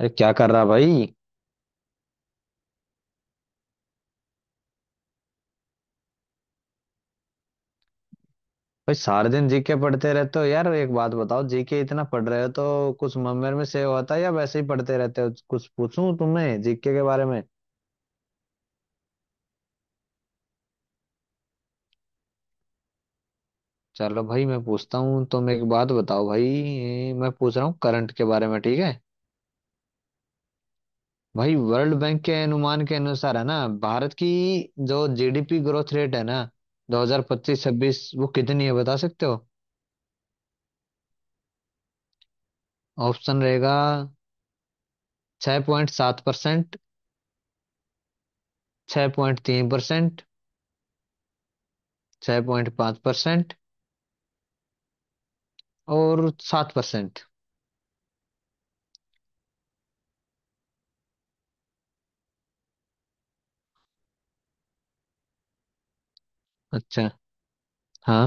अरे क्या कर रहा भाई? भाई सारे दिन जीके पढ़ते रहते हो यार। एक बात बताओ, जीके इतना पढ़ रहे हो तो कुछ मम्मेर में सेव होता है या वैसे ही पढ़ते रहते हो? कुछ पूछूं तुम्हें जीके के बारे में? चलो भाई, मैं पूछता हूँ। तुम एक बात बताओ, भाई मैं पूछ रहा हूँ करंट के बारे में, ठीक है। भाई, वर्ल्ड बैंक के अनुमान के अनुसार है ना, भारत की जो जीडीपी ग्रोथ रेट है ना 2025-26, वो कितनी है बता सकते हो? ऑप्शन रहेगा। 6.7%, 6.3%, 6.5% और 7%। अच्छा। हाँ।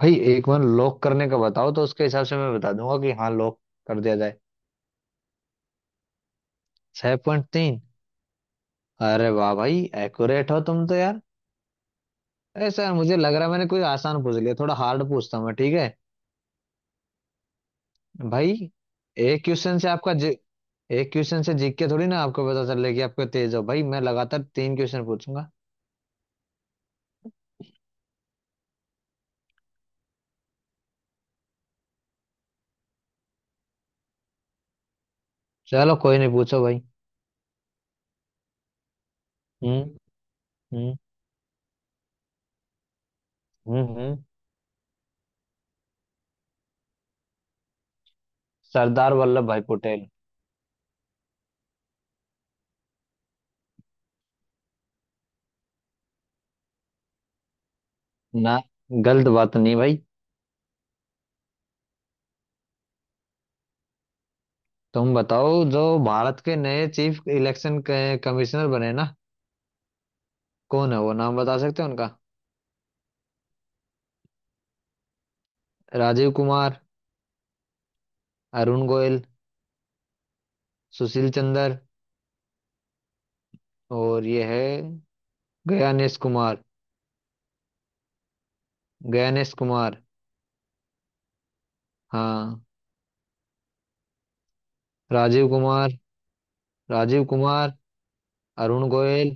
भाई एक बार लॉक करने का बताओ तो उसके हिसाब से मैं बता दूंगा कि हाँ लॉक कर दिया जाए। 6.3। अरे वाह भाई! एक्यूरेट हो तुम तो यार। ऐसा यार मुझे लग रहा है मैंने कोई आसान पूछ लिया। थोड़ा हार्ड पूछता हूँ मैं, ठीक है। भाई एक क्वेश्चन से आपका जी, एक क्वेश्चन से जीत के थोड़ी ना आपको पता चल रहा है कि आपको तेज हो। भाई मैं लगातार 3 क्वेश्चन पूछूंगा। चलो कोई नहीं, पूछो भाई। हम्म हम्म हम्म हम्म सरदार वल्लभ भाई पटेल। ना, गलत बात नहीं भाई। तुम बताओ, जो भारत के नए चीफ इलेक्शन कमिश्नर बने ना, कौन है वो, नाम बता सकते हो उनका? राजीव कुमार, अरुण गोयल, सुशील चंद्र और ये है गयानेश कुमार। गयानेश कुमार। हाँ। राजीव कुमार। राजीव कुमार। अरुण गोयल।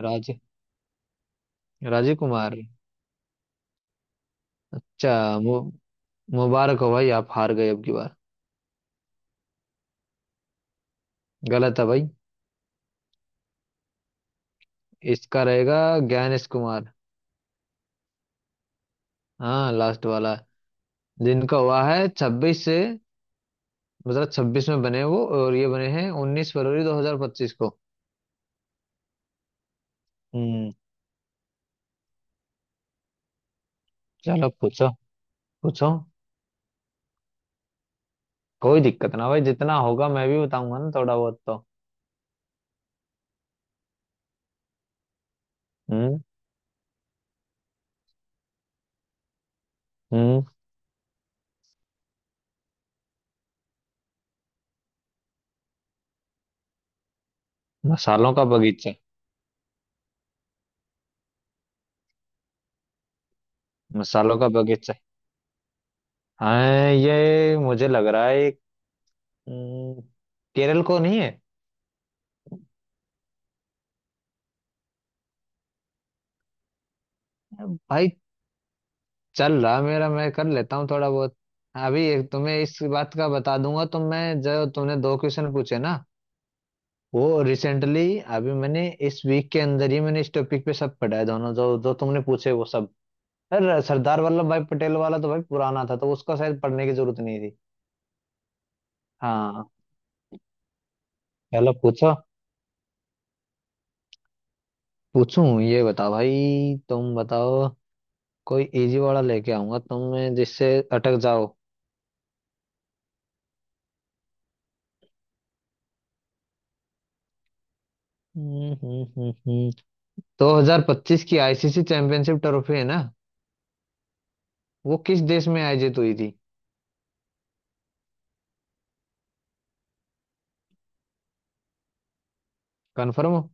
राज राजीव कुमार। अच्छा मु, मुबारक हो भाई, आप हार गए अब की बार। गलत है भाई। इसका रहेगा ज्ञानेश कुमार। हाँ, लास्ट वाला। जिनका हुआ है छब्बीस से, 2026 में बने वो, और ये बने हैं 19 फरवरी 2025 को। हम्म। चलो पूछो। पूछो। कोई दिक्कत ना भाई, जितना होगा मैं भी बताऊंगा ना थोड़ा बहुत तो। हम्म। हम्म। मसालों का बगीचा। मसालों का बगीचा। हाँ ये मुझे लग रहा है, हम्म, केरल को नहीं है? भाई चल रहा मेरा, मैं कर लेता हूँ थोड़ा बहुत। अभी एक तुम्हें इस बात का बता दूंगा। तो मैं जो, तूने 2 क्वेश्चन पूछे ना, वो रिसेंटली अभी मैंने इस वीक के अंदर ही मैंने इस टॉपिक पे सब पढ़ा है। दोनों जो जो तुमने पूछे वो सब। अरे सरदार वल्लभ भाई पटेल वाला तो भाई पुराना था, तो उसका शायद पढ़ने की जरूरत नहीं थी। हाँ। चलो पूछो। पूछूं, ये बताओ भाई। तुम बताओ। कोई इजी वाला लेके आऊंगा तुम जिससे अटक जाओ। हम्म हम्म हम्म हम्म। 2025 की आईसीसी चैंपियनशिप ट्रॉफी है ना, वो किस देश में आयोजित हुई थी? कंफर्म हो?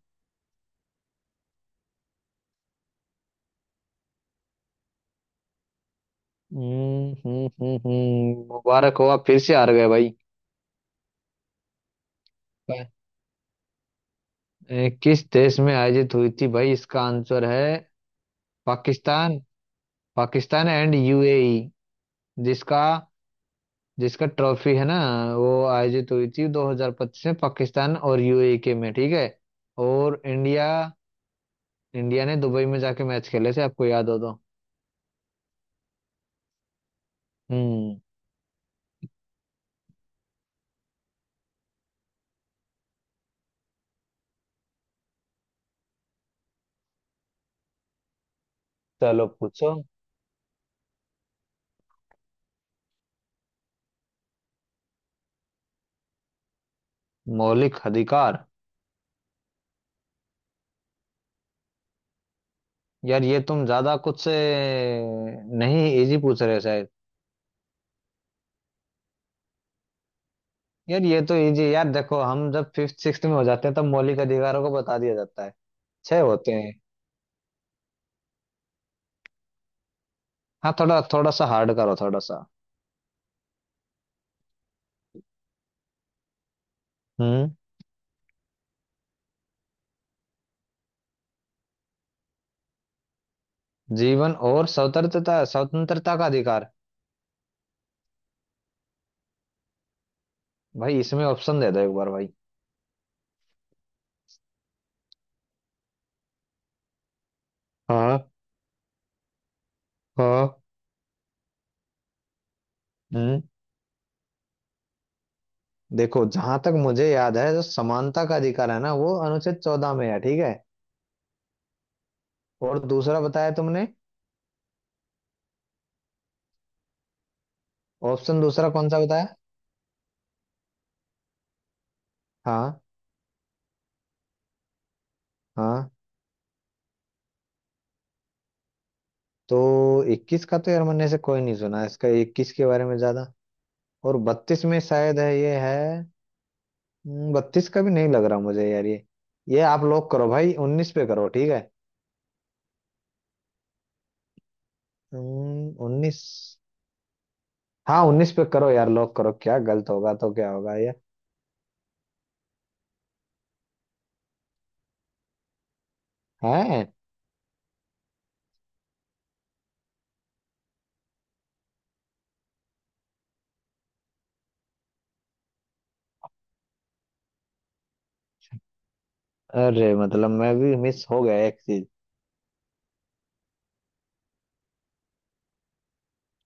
मुबारक हो, आप फिर से हार गए। भाई किस देश में आयोजित हुई थी भाई, इसका आंसर है पाकिस्तान। Pakistan and UAE. जिसका जिसका ट्रॉफी है ना, वो आयोजित हुई थी 2025 में पाकिस्तान और यूएई के में, ठीक है। और इंडिया, इंडिया ने दुबई में जाके मैच खेले थे आपको याद हो तो। हम्म। चलो पूछो। मौलिक अधिकार। यार ये तुम ज्यादा कुछ से नहीं, इजी पूछ रहे हो शायद। यार ये तो इजी यार। देखो हम जब फिफ्थ सिक्स्थ में हो जाते हैं तब मौलिक अधिकारों को बता दिया जाता है। छह होते हैं। हाँ, थोड़ा थोड़ा सा हार्ड करो, थोड़ा सा। हम्म। जीवन और स्वतंत्रता स्वतंत्रता का अधिकार। भाई इसमें ऑप्शन दे दो एक बार भाई। हाँ। हाँ। हम्म। देखो जहां तक मुझे याद है जो समानता का अधिकार है ना, वो अनुच्छेद 14 में है, ठीक है। और दूसरा बताया तुमने? ऑप्शन दूसरा कौन सा बताया? हाँ। हाँ। तो इक्कीस का तो यार मैंने से कोई नहीं सुना इसका, 21 के बारे में ज्यादा। और 32 में शायद है ये है। 32 का भी नहीं लग रहा मुझे यार ये। ये आप लॉक करो भाई, 19 पे करो, ठीक है। 19। हाँ 19 पे करो यार, लॉक करो, क्या गलत होगा तो क्या होगा ये? है। अरे मतलब मैं भी मिस हो गया एक चीज।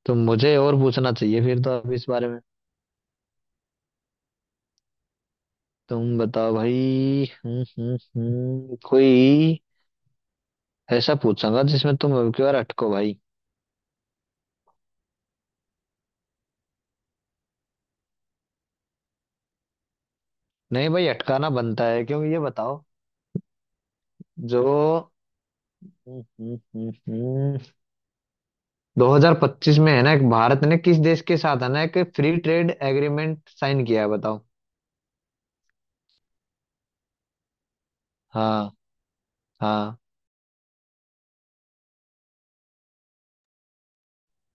तो मुझे और पूछना चाहिए फिर तो अब इस बारे में। तुम बताओ भाई। कोई ऐसा पूछूंगा जिसमें तुम अब की बार अटको भाई। नहीं भाई, अटकाना बनता है क्योंकि ये बताओ। जो हम्म हम्म हम्म, हम्म, 2025 में है ना, एक भारत ने किस देश के साथ है ना एक फ्री ट्रेड एग्रीमेंट साइन किया है, बताओ। हाँ। हाँ।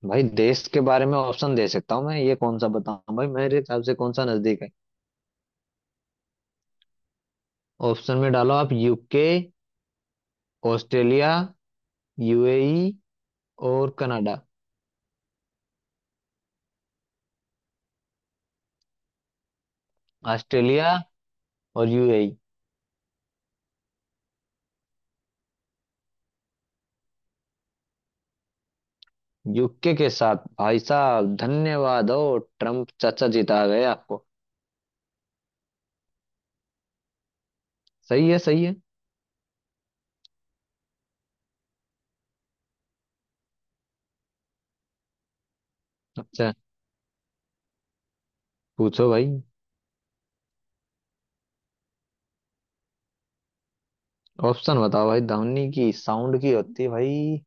भाई देश के बारे में ऑप्शन दे सकता हूँ मैं ये कौन सा बताऊँ, भाई मेरे हिसाब से कौन सा नजदीक है? ऑप्शन में डालो आप, यूके, ऑस्ट्रेलिया, यूएई और कनाडा। ऑस्ट्रेलिया और यूएई। यूके के साथ भाई साहब, धन्यवाद। ओ, ट्रम्प चाचा जीता गए आपको। सही है, सही है। अच्छा। पूछो भाई। ऑप्शन बताओ भाई, धमनी की साउंड की होती है भाई।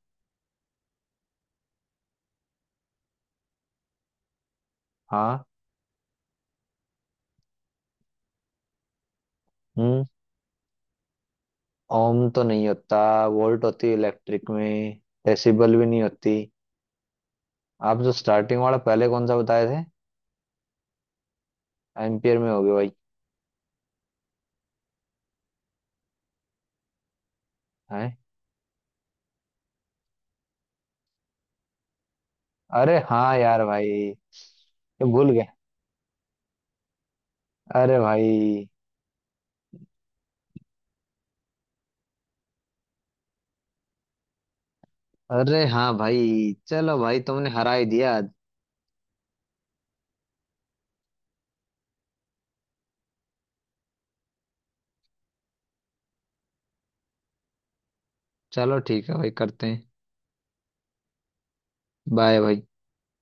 हाँ। हम्म। ओम तो नहीं होता। वोल्ट होती है इलेक्ट्रिक में। डेसिबल भी नहीं होती। आप जो स्टार्टिंग वाला पहले कौन सा बताए थे? एम्पियर में हो गया भाई। हैं? अरे हाँ यार भाई, ये भूल गए। अरे भाई। अरे हाँ भाई, चलो भाई तुमने हरा ही दिया आज। चलो ठीक है भाई, करते हैं। बाय भाई।